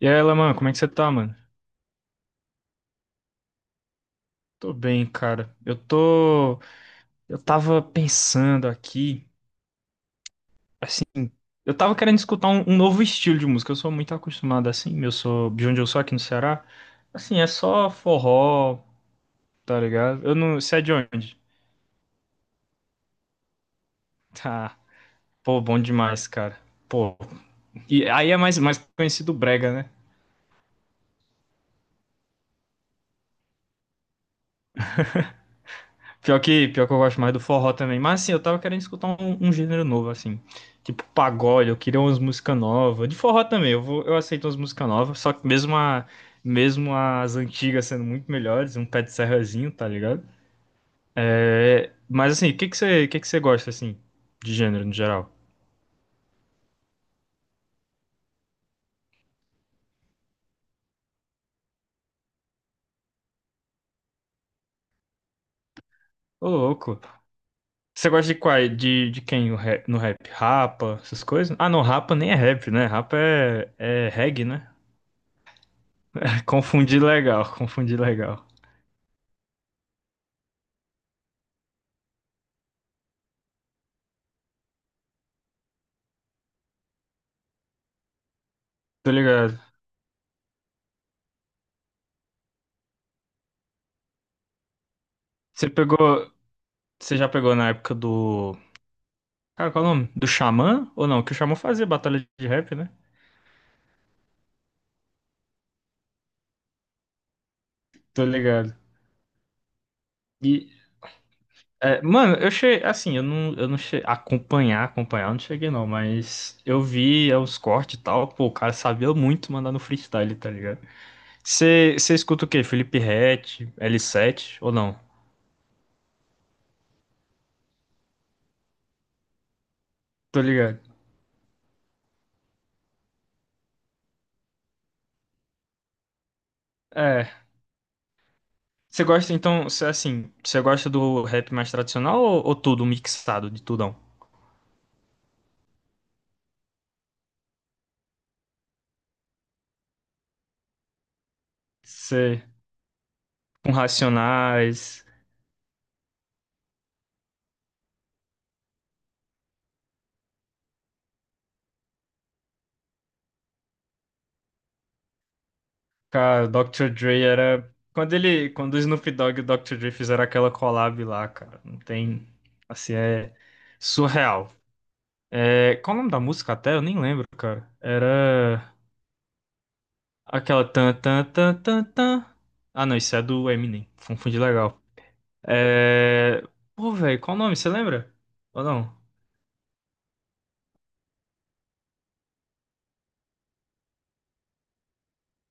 E aí, Laman, como é que você tá, mano? Tô bem, cara. Eu tô. Eu tava pensando aqui, assim. Eu tava querendo escutar um novo estilo de música. Eu sou muito acostumado assim. Eu sou de onde eu sou aqui no Ceará. Assim, é só forró, tá ligado? Eu não. Você é de onde? Tá. Pô, bom demais, cara. Pô. E aí é mais conhecido brega, né? Pior que eu gosto mais do forró também. Mas assim, eu tava querendo escutar um gênero novo, assim. Tipo pagode, eu queria umas músicas novas. De forró também, eu aceito umas músicas novas. Só que mesmo, mesmo as antigas sendo muito melhores, um pé de serrazinho, tá ligado? É, mas assim, o que que você gosta, assim, de gênero no geral? Ô, louco. Você gosta de qual? De quem no rap? Rapa, essas coisas? Ah, não, rapa nem é rap, né? Rapa é, é reggae, né? Confundi legal, confundi legal. Tô ligado. Você pegou. Você já pegou na época do. Cara, qual é o nome? Do Xamã? Ou não? Que o Xamã fazia batalha de rap, né? Tô ligado. E. É, mano, eu cheguei. Assim, eu não cheguei. Acompanhar, eu não cheguei não, mas eu vi os cortes e tal. Pô, o cara sabia muito mandar no freestyle, tá ligado? Você escuta o quê? Felipe Ret, l Sete ou não? Tô ligado. É. Você gosta, então, cê, assim, você gosta do rap mais tradicional ou tudo mixado, de tudão? Você. Com Racionais. Cara, o Dr. Dre era. Quando ele. Quando o Snoop Dogg e o Dr. Dre fizeram aquela collab lá, cara. Não tem. Assim, é surreal. É... Qual o nome da música até? Eu nem lembro, cara. Era. Aquela tan tan tan tan tan. Ah, não, isso é do Eminem. Confundi legal. É. Pô, velho, qual o nome? Você lembra? Ou não?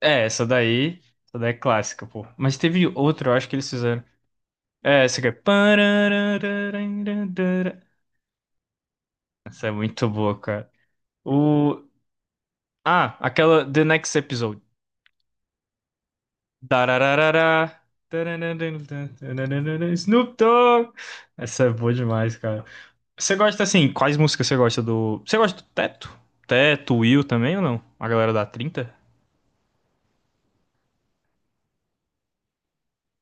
É, essa daí. Essa daí é clássica, pô. Mas teve outra, eu acho que eles fizeram. É, essa aqui é. Pararararararara. Essa é muito boa, cara. O... Ah, aquela The Next Episode. Darararara. Taranandantantantantantantan. Snoop Dogg. Essa é boa demais, cara. Você gosta assim, quais músicas você gosta do. Você gosta do Teto? Teto, Will também ou não? A galera da trinta.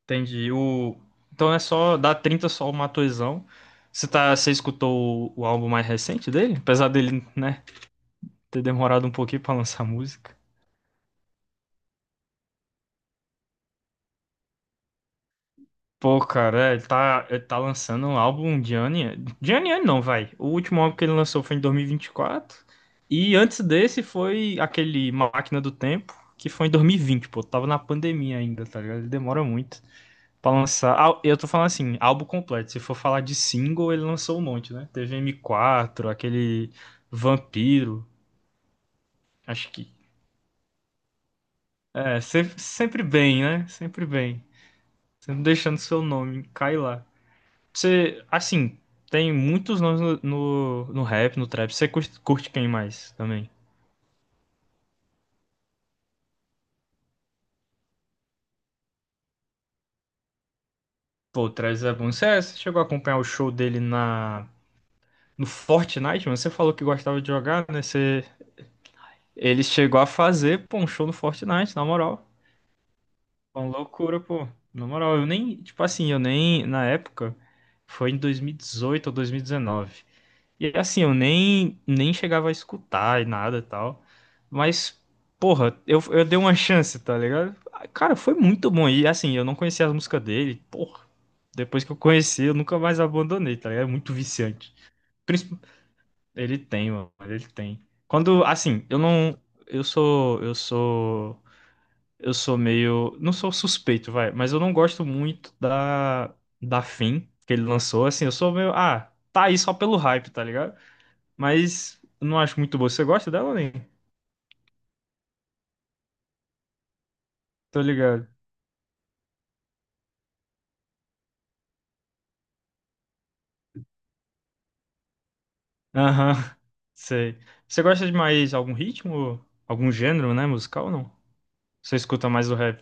Entendi. O... Então é só da 30 só o Matuezão. Você tá... você escutou o álbum mais recente dele? Apesar dele, né, ter demorado um pouquinho pra lançar música. Pô, cara, é, ele tá lançando um álbum de ano em ano. De ano em ano não, vai. O último álbum que ele lançou foi em 2024. E 24. E antes desse foi aquele Máquina do Tempo, que foi em 2020, pô. Tava na pandemia ainda, tá ligado? Ele demora muito pra lançar. Ah, eu tô falando assim, álbum completo. Se for falar de single, ele lançou um monte, né? Teve M4, aquele Vampiro. Acho que. É, sempre, sempre bem, né? Sempre bem. Sempre deixando seu nome cair lá. Você, assim, tem muitos nomes no rap, no trap. Você curte, curte quem mais também? Pô, o Travis é bom. Você, você chegou a acompanhar o show dele na, no Fortnite, mano? Você falou que gostava de jogar, né? Você, ele chegou a fazer, pô, um show no Fortnite, na moral. Uma loucura, pô. Na moral, eu nem, tipo assim, eu nem, na época, foi em 2018 ou 2019. E assim, eu nem, nem chegava a escutar e nada e tal. Mas, porra, eu dei uma chance, tá ligado? Ah, cara, foi muito bom. E assim, eu não conhecia as músicas dele. Porra, depois que eu conheci, eu nunca mais abandonei, tá ligado? É muito viciante. Princip- Ele tem, mano, ele tem. Quando, assim, eu não. Eu sou. Eu sou. Eu sou meio. Não sou suspeito, vai. Mas eu não gosto muito da. Da Fim que ele lançou. Assim, eu sou meio. Ah, tá aí só pelo hype, tá ligado? Mas eu não acho muito boa. Você gosta dela, nem? Tô ligado. Aham, sei. Você gosta de mais algum ritmo? Algum gênero, né? Musical ou não? Você escuta mais o rap?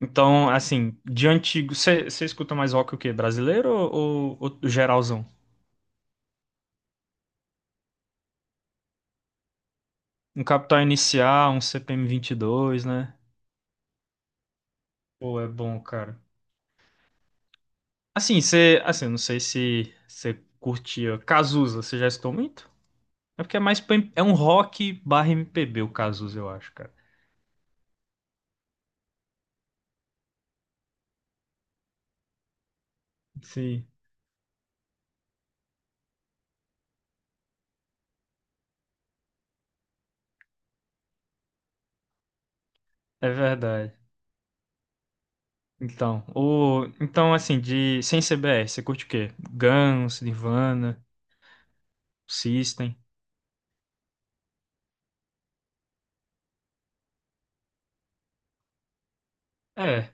Então, assim, de antigo. Você escuta mais rock o quê? Brasileiro ou geralzão? Um Capital Inicial, um CPM dois, né? Pô, é bom, cara. Assim, você. Assim, eu não sei se você curtia. Cazuza, você já escutou muito? É porque é mais. É um rock barra MPB o Cazuza, eu acho, cara. Sim. É verdade. Então, o... então assim, de sem C B CBR, você curte o quê? Guns, Nirvana, System. É.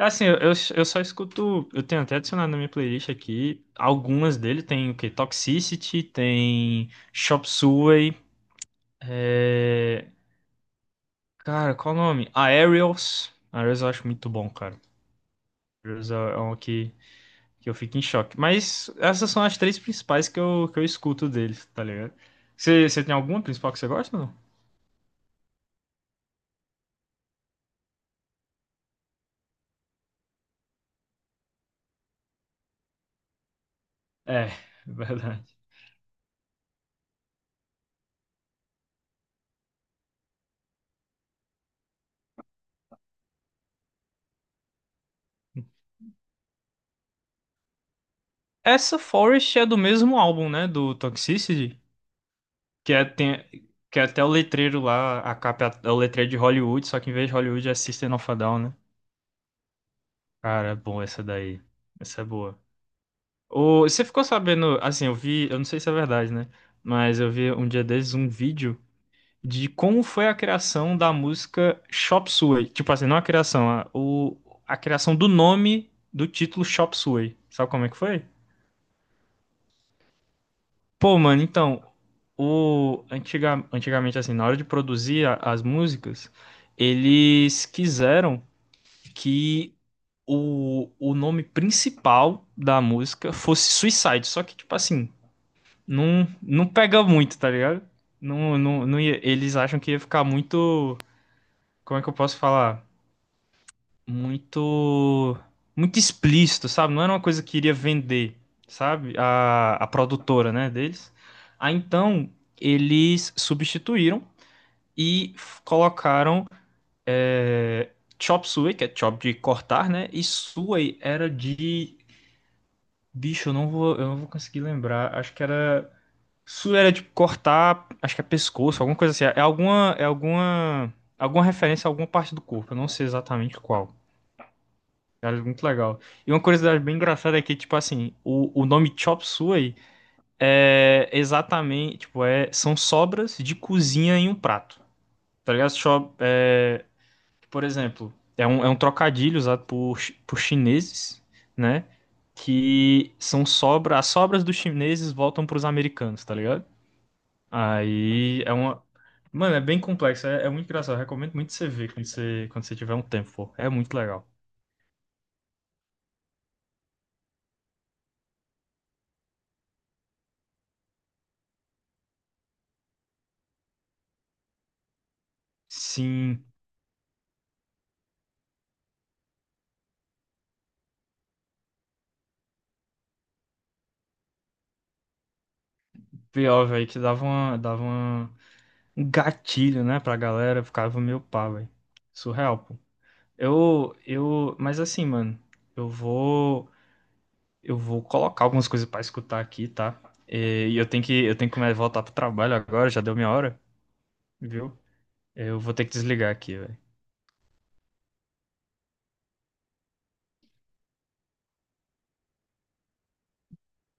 É assim, eu eu só escuto. Eu tenho até adicionado na minha playlist aqui. Algumas dele tem o quê? Toxicity, tem Chop Suey. É... Cara, qual o nome? Aerials. Aerials eu acho muito bom, cara. Aerials é é um que eu fico em choque. Mas essas são as três principais que que eu escuto deles, tá ligado? Você, você tem alguma principal que você gosta ou não? É, verdade. Essa Forest é do mesmo álbum, né? Do Toxicity. Que é, tem, que é até o letreiro lá, a capa é o letreiro de Hollywood, só que em vez de Hollywood é System of a Down, né? Cara, é bom essa daí. Essa é boa. Ô, você ficou sabendo, assim, eu vi, eu não sei se é verdade, né? Mas eu vi um dia desses um vídeo de como foi a criação da música Chop Suey. Tipo assim, não a criação, a criação do nome do título Chop Suey. Sabe como é que foi? Pô, mano, então, o antigamente assim, na hora de produzir as músicas, eles quiseram que o nome principal da música fosse Suicide, só que tipo assim, não pega muito, tá ligado? Não, não, não eles acham que ia ficar muito, como é que eu posso falar? Muito muito explícito, sabe? Não era uma coisa que iria vender, sabe? A produtora, né, deles. Aí então eles substituíram e colocaram é, chop suey, que é chop de cortar, né? E suey era de bicho, eu não vou conseguir lembrar. Acho que era suey era de cortar, acho que é pescoço, alguma coisa assim. Alguma referência a alguma parte do corpo. Eu não sei exatamente qual. Cara, muito legal. E uma curiosidade bem engraçada é que, tipo assim, o nome Chop Suey é exatamente, tipo, é, são sobras de cozinha em um prato. Tá ligado? Chop, é, por exemplo, é um trocadilho usado por, por chineses, né? Que são sobras, as sobras dos chineses voltam pros americanos, tá ligado? Aí é uma. Mano, é bem complexo, é muito engraçado. Eu recomendo muito você ver quando você tiver um tempo, pô. É muito legal. Sim. Pior, velho, que dava uma, um gatilho, né, pra galera, ficava meio pá, velho. Surreal, pô. Mas assim, mano, eu vou, eu vou colocar algumas coisas pra escutar aqui, tá? E eu tenho que começar a voltar pro trabalho agora, já deu minha hora, viu? Eu vou ter que desligar aqui, velho.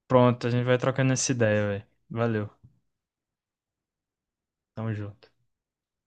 Pronto, a gente vai trocando essa ideia, velho. Valeu, tamo junto.